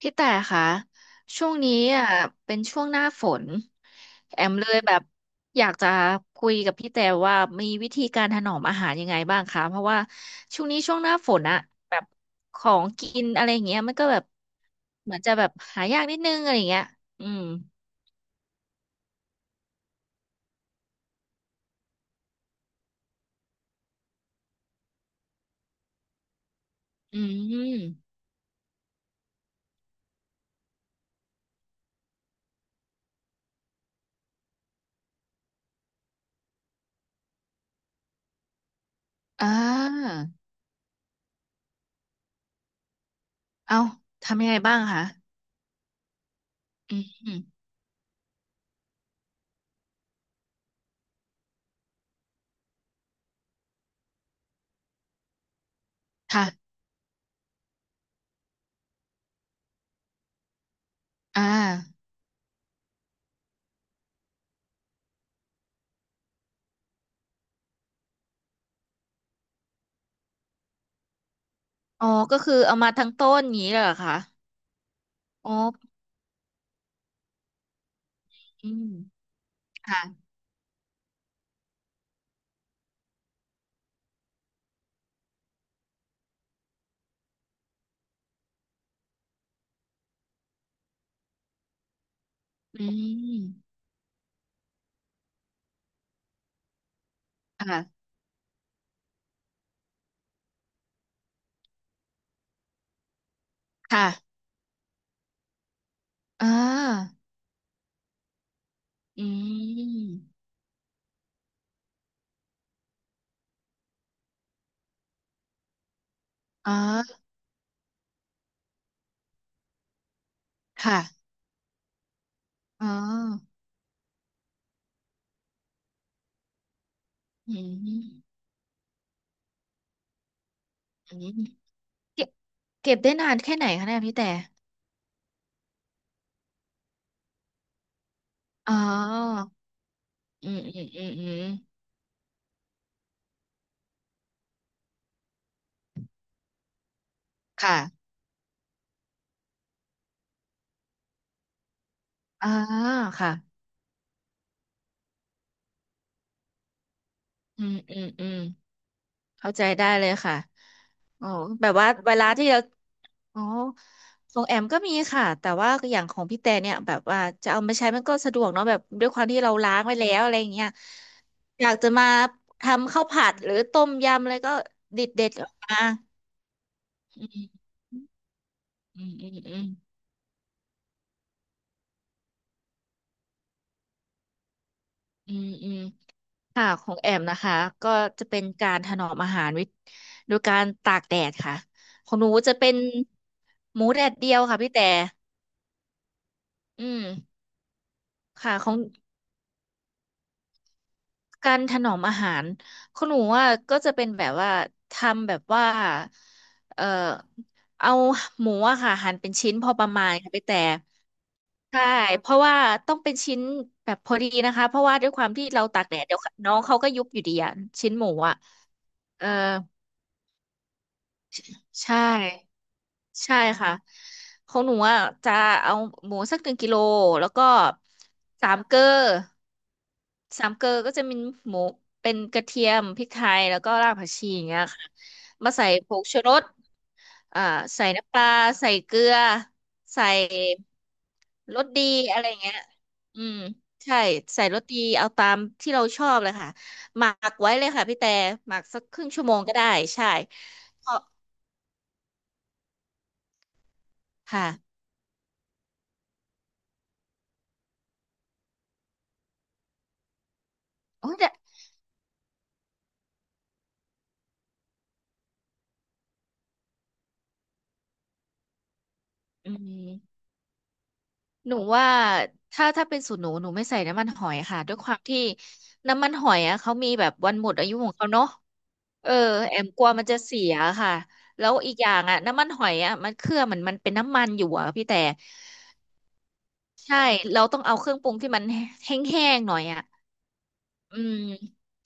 พี่แต่ค่ะช่วงนี้อ่ะเป็นช่วงหน้าฝนแอมเลยแบบอยากจะคุยกับพี่แต่ว่ามีวิธีการถนอมอาหารยังไงบ้างคะเพราะว่าช่วงนี้ช่วงหน้าฝนอะแบบของกินอะไรอย่างเงี้ยมันก็แบบเหมือนจะแบบหายากนิดนึงอะไรอย่างเงี้ยอืมอืมอ่าเอาทำยังไงบ้างคะอืมค่ะอ่าอ๋อก็คือเอามาทั้งต้นอย่างนี้เลยเหรอคะอ๋ออืมค่ะอืม ค่ะค่ะอ่าอืมอ๋อค่ะอ๋ออืมอืมเก็บเก็บได้นานแค่ไหนคะเนี่ยพี่แต่ อ๋ออืมอืมอืมอืมค่ะอ่าค่ะอืมอืมอืมเข้าใจได้เลยค่ะอ๋อแบบว่าเวลาที่เรา อ๋อของแอมก็มีค่ะแต่ว่าอย่างของพี่แต่เนี่ยแบบว่าจะเอามาใช้มันก็สะดวกเนาะแบบด้วยความที่เราล้างไว้แล้วอะไรอย่างเงี้ยอยากจะมาทำข้าวผัดหรือต้มยำอะไรก็ดิดเด็ดออกมาอืมอืมอืมอืมอืมอืมค่ะของแอมนะคะก็จะเป็นการถนอมอาหารโดยการตากแดดค่ะของหนูจะเป็นหมูแดดเดียวค่ะพี่แต่อืมค่ะของ การถนอมอาหารคุณหนูว่าก็จะเป็นแบบว่าทำแบบว่าเอ่อเอาหมูอะค่ะหั่นเป็นชิ้นพอประมาณค่ะไปแต่ใช่เพราะว่าต้องเป็นชิ้นแบบพอดีนะคะเพราะว่าด้วยความที่เราตากแดดเดี๋ยวน้องเขาก็ยุบอยู่ดีอะชิ้นหมูอะเออใช่ ใช่ค่ะของหนูอ่ะจะเอาหมูสัก1 กิโลแล้วก็สามเกลอสามเกลอก็จะมีหมูเป็นกระเทียมพริกไทยแล้วก็รากผักชีอย่างเงี้ยค่ะมาใส่ผงชูรสอ่าใส่น้ำปลาใส่เกลือใส่รสดีอะไรเงี้ยอืมใช่ใส่รสดีเอาตามที่เราชอบเลยค่ะหมักไว้เลยค่ะพี่แต่หมักสักครึ่งชั่วโมงก็ได้ใช่พอค่ะโอ้ยแต่อืม หนูว่าถ้าเป็นสูตรหนูไม่ใส่น้ำมันหอยค่ะด้วยความที่น้ำมันหอยอ่ะเขามีแบบวันหมดอายุของเขาเนาะเออแอมกลัวมันจะเสียค่ะแล้วอีกอย่างอ่ะน้ำมันหอยอ่ะมันเครื่องมันเป็นน้ำมันอยู่อ่ะพี่แต่ใช่เราต้องเอาเครื่องปรุงที่มันแห้งๆหน่อยอ่ะอืม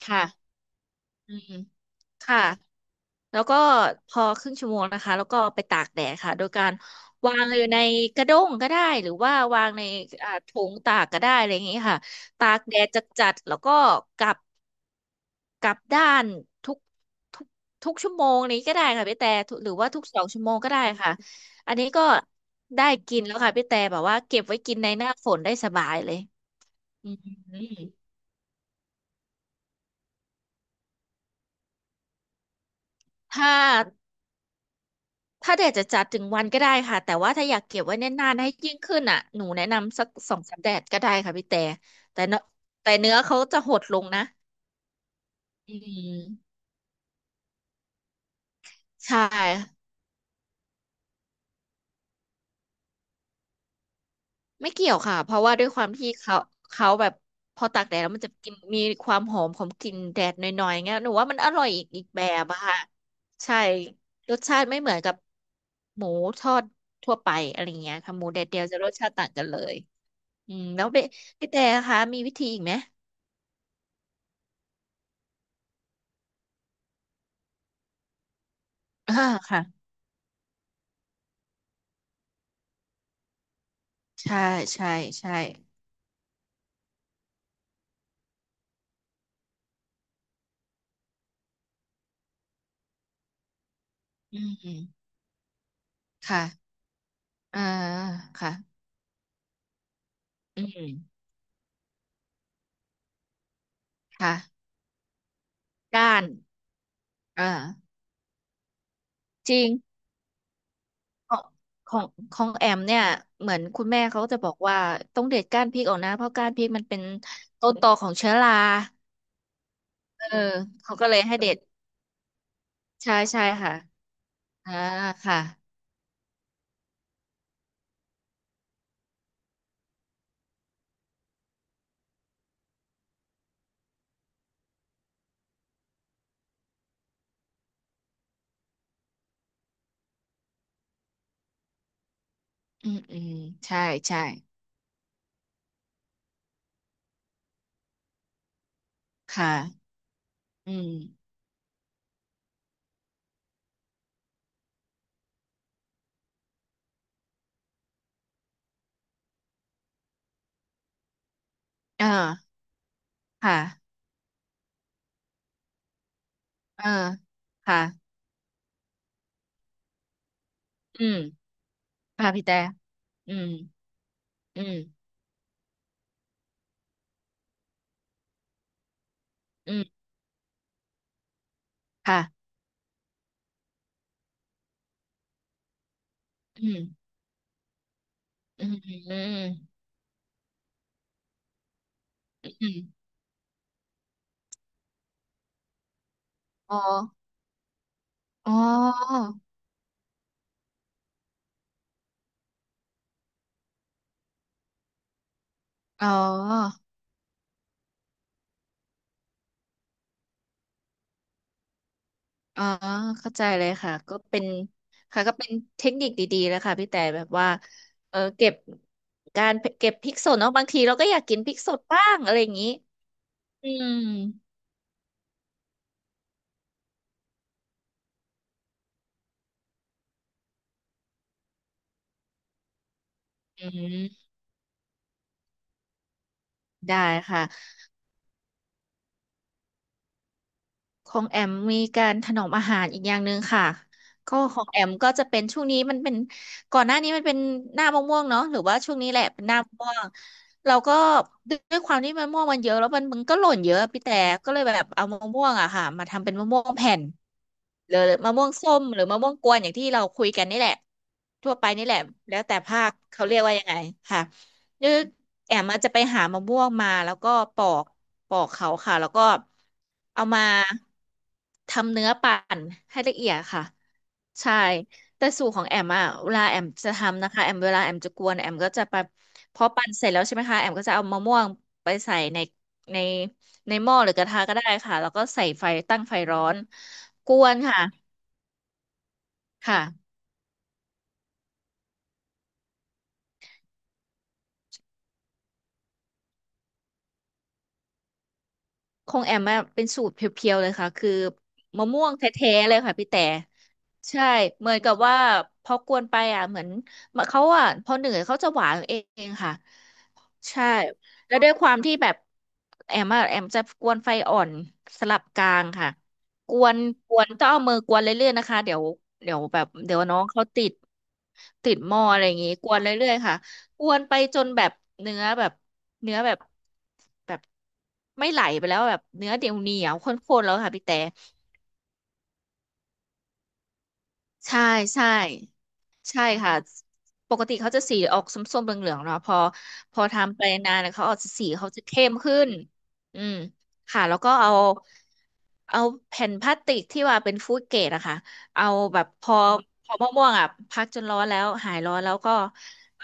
ค่ะอืมค่ะ แล้วก็พอครึ่งชั่วโมงนะคะแล้วก็ไปตากแดดค่ะโดยการวางอยู่ในกระด้งก็ได้หรือว่าวางในอ่าถุงตากก็ได้อะไรอย่างนี้ค่ะตากแดดจัดๆแล้วก็กลับกลับด้านทุกทุกทุกชั่วโมงนี้ก็ได้ค่ะพี่แต่ทุกหรือว่าทุก2 ชั่วโมงก็ได้ค่ะอันนี้ก็ได้กินแล้วค่ะพี่แต่แบบว่าเก็บไว้กินในหน้าฝนได้สบายเลยอืมถ้า ถ้าแดดจะจัดถึงวันก็ได้ค่ะแต่ว่าถ้าอยากเก็บไว้นานๆให้ยิ่งขึ้นอ่ะหนูแนะนำสักสองสามแดดก็ได้ค่ะพี่แต่แต่เนอะแต่เนื้อเขาจะหดลงนะอืมใช่ไม่เกี่ยวค่ะเพราะว่าด้วยความที่เขาเขาแบบพอตากแดดแล้วมันจะกินมีความหอมของกลิ่นแดดหน่อยๆเงี้ยหนูว่ามันอร่อยอีกแบบอะค่ะใช่รสชาติไม่เหมือนกับหมูทอดทั่วไปอะไรเงี้ยค่ะหมูแดดเดียวจะรสชาติต่างกันเลยอืมแล้วพี่แต่คะมีวิธีอีกไหม อ่าค่ะใช่ใช่ใช่อืมค่ะอ่าค่ะอืมค่ะก้านอ่าจริงของของของแอมเนี่ยเหมือนคุณแม่เขาจะบอกว่าต้องเด็ดก้านพริกออกนะเพราะก้านพริกมันเป็นต้นตอของเชื้อราเออเขาก็เลยให้เด็ดใช่ใช่ค่ะอ่าค่ะอืมอืมใช่ใช่ค่ะอืมอ่าค่ะเอ่าค่ะอืมค่ะพี่แต่อืมอืม อืมค่ะอืมอืมอืมอืมอ๋ออ๋ออ๋ออ๋อเข้าใจเลยค่ะก็เป็นค่ะก็เป็นเทคนิคดีๆแล้วค่ะพี่แต่แบบว่าเออเก็บการเก็บพริกสดเนาะบางทีเราก็อยากกินพริกสดบ้างอะไรอย่างนี้อืมอืมได้ค่ะ ของแอมมีการถนอมอาหารอีกอย่างหนึ่งค่ะก็ของแอมก็จะเป็นช่วงนี้มันเป็นก่อนหน้านี้มันเป็นหน้ามะม่วงเนาะหรือว่าช่วงนี้แหละเป็นหน้ามะม่วงเราก็ด้วยความที่มะม่วงมันเยอะแล้วมันก็หล่นเยอะพี่แต่ก็เลยแบบเอามะม่วงอะค่ะมาทำเป็นมะม่วงแผ่นหรือมะม่วงส้มหรือมะม่วงกวนอย่างที่เราคุยกันนี่แหละทั่วไปนี่แหละแล้วแต่ภาคเขาเรียกว่ายังไงค่ะ นึกแอมอาจจะไปหามะม่วงมาแล้วก็ปอกปอกเขาค่ะแล้วก็เอามาทำเนื้อปั่นให้ละเอียดค่ะใช่แต่สูตรของแอมอะเวลาแอมจะทำนะคะแอมเวลาแอมจะกวนแอมก็จะไปพอปั่นเสร็จแล้วใช่ไหมคะแอมก็จะเอามะม่วงไปใส่ในในหม้อหรือกระทะก็ได้ค่ะแล้วก็ใส่ไฟตั้งไฟร้อนกวนค่ะค่ะ ของแอมอะเป็นสูตรเพียวๆเลยค่ะคือมะม่วงแท้ๆเลยค่ะพี่แต่ใช่เหมือนกับว่าพอกวนไปอ่ะเหมือนเขาอ่ะพอเหนื่อยเขาจะหวานเองค่ะ ใช่แล้วด้วยความที่แบบแอมอะแอมจะกวนไฟอ่อนสลับกลางค่ะกวนกวนต้องเอามือกวนเรื่อยๆนะคะเดี๋ยวแบบเดี๋ยวน้องเขาติดติดหม้ออะไรอย่างงี้กวนเรื่อยๆค่ะกวนไปจนแบบเนื้อแบบเนื้อแบบไม่ไหลไปแล้วแบบเนื้อเดียวเหนียวข้นๆแล้วค่ะพี่แต่ใช่ใช่ ใช่ค่ะปกติเขาจะสีออกส้มๆเหลืองๆเนาะพอทำไปนานๆเขาออกจะสีเขาจะเข้มขึ้นอืมค่ะแล้วก็เอาแผ่นพลาสติกที่ว่าเป็นฟู้ดเกรดอะค่ะเอาแบบพอมะม่วงๆอะพักจนร้อนแล้วหายร้อนแล้วก็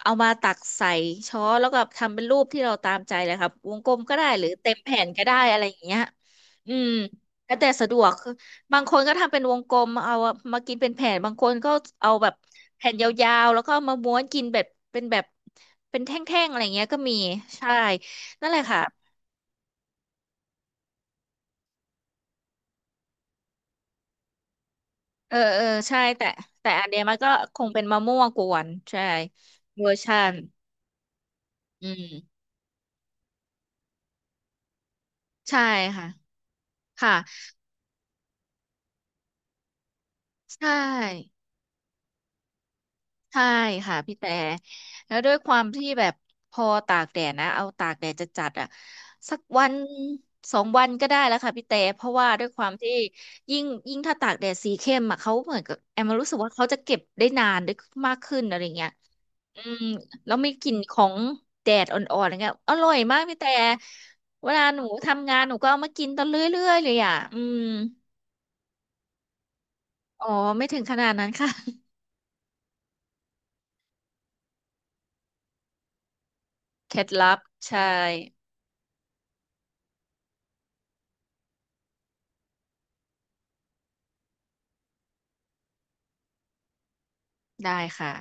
เอามาตักใส่ช้อนแล้วก็ทำเป็นรูปที่เราตามใจเลยครับวงกลมก็ได้หรือเต็มแผ่นก็ได้อะไรอย่างเงี้ยอืมแล้วแต่สะดวก บางคนก็ทำเป็นวงกลมเอามากินเป็นแผ่นบางคนก็เอาแบบแผ่นยาวๆแล้วก็เอามาม้วนกินแบบเป็นแบบเป็นแท่งๆอะไรเงี้ยก็มีใช่นั่นแหละค่ะเออใช่แต่แต่อันเนี้ยมันก็คงเป็นมะม่วงกวนใช่เวอร์ชันอืมใช่ค่ะค่ะใช่ ใช่ค่ะพี่แต่แล้วด้วยความที่แบบพอตากแดดนะเอาตากแดดจะจัดๆอ่ะสักวันสองวันก็ได้แล้วค่ะพี่แต่เพราะว่าด้วยความที่ยิ่งถ้าตากแดดสีเข้มอ่ะเขาเหมือนกับแอมรู้สึกว่าเขาจะเก็บได้นานได้มากขึ้นอะไรเงี้ยอืมแล้วมีกลิ่นของแดดอ่อนๆอะไรเงี้ยอร่อยมากพี่แต่เวลาหนูทำงานหนูก็เอามากินตอนเรื่อยๆเลยอ่ะอืมอ๋อไม่ถึงขนาดนั้นค่ะเคล็ดลับใช่ได้ค่ะ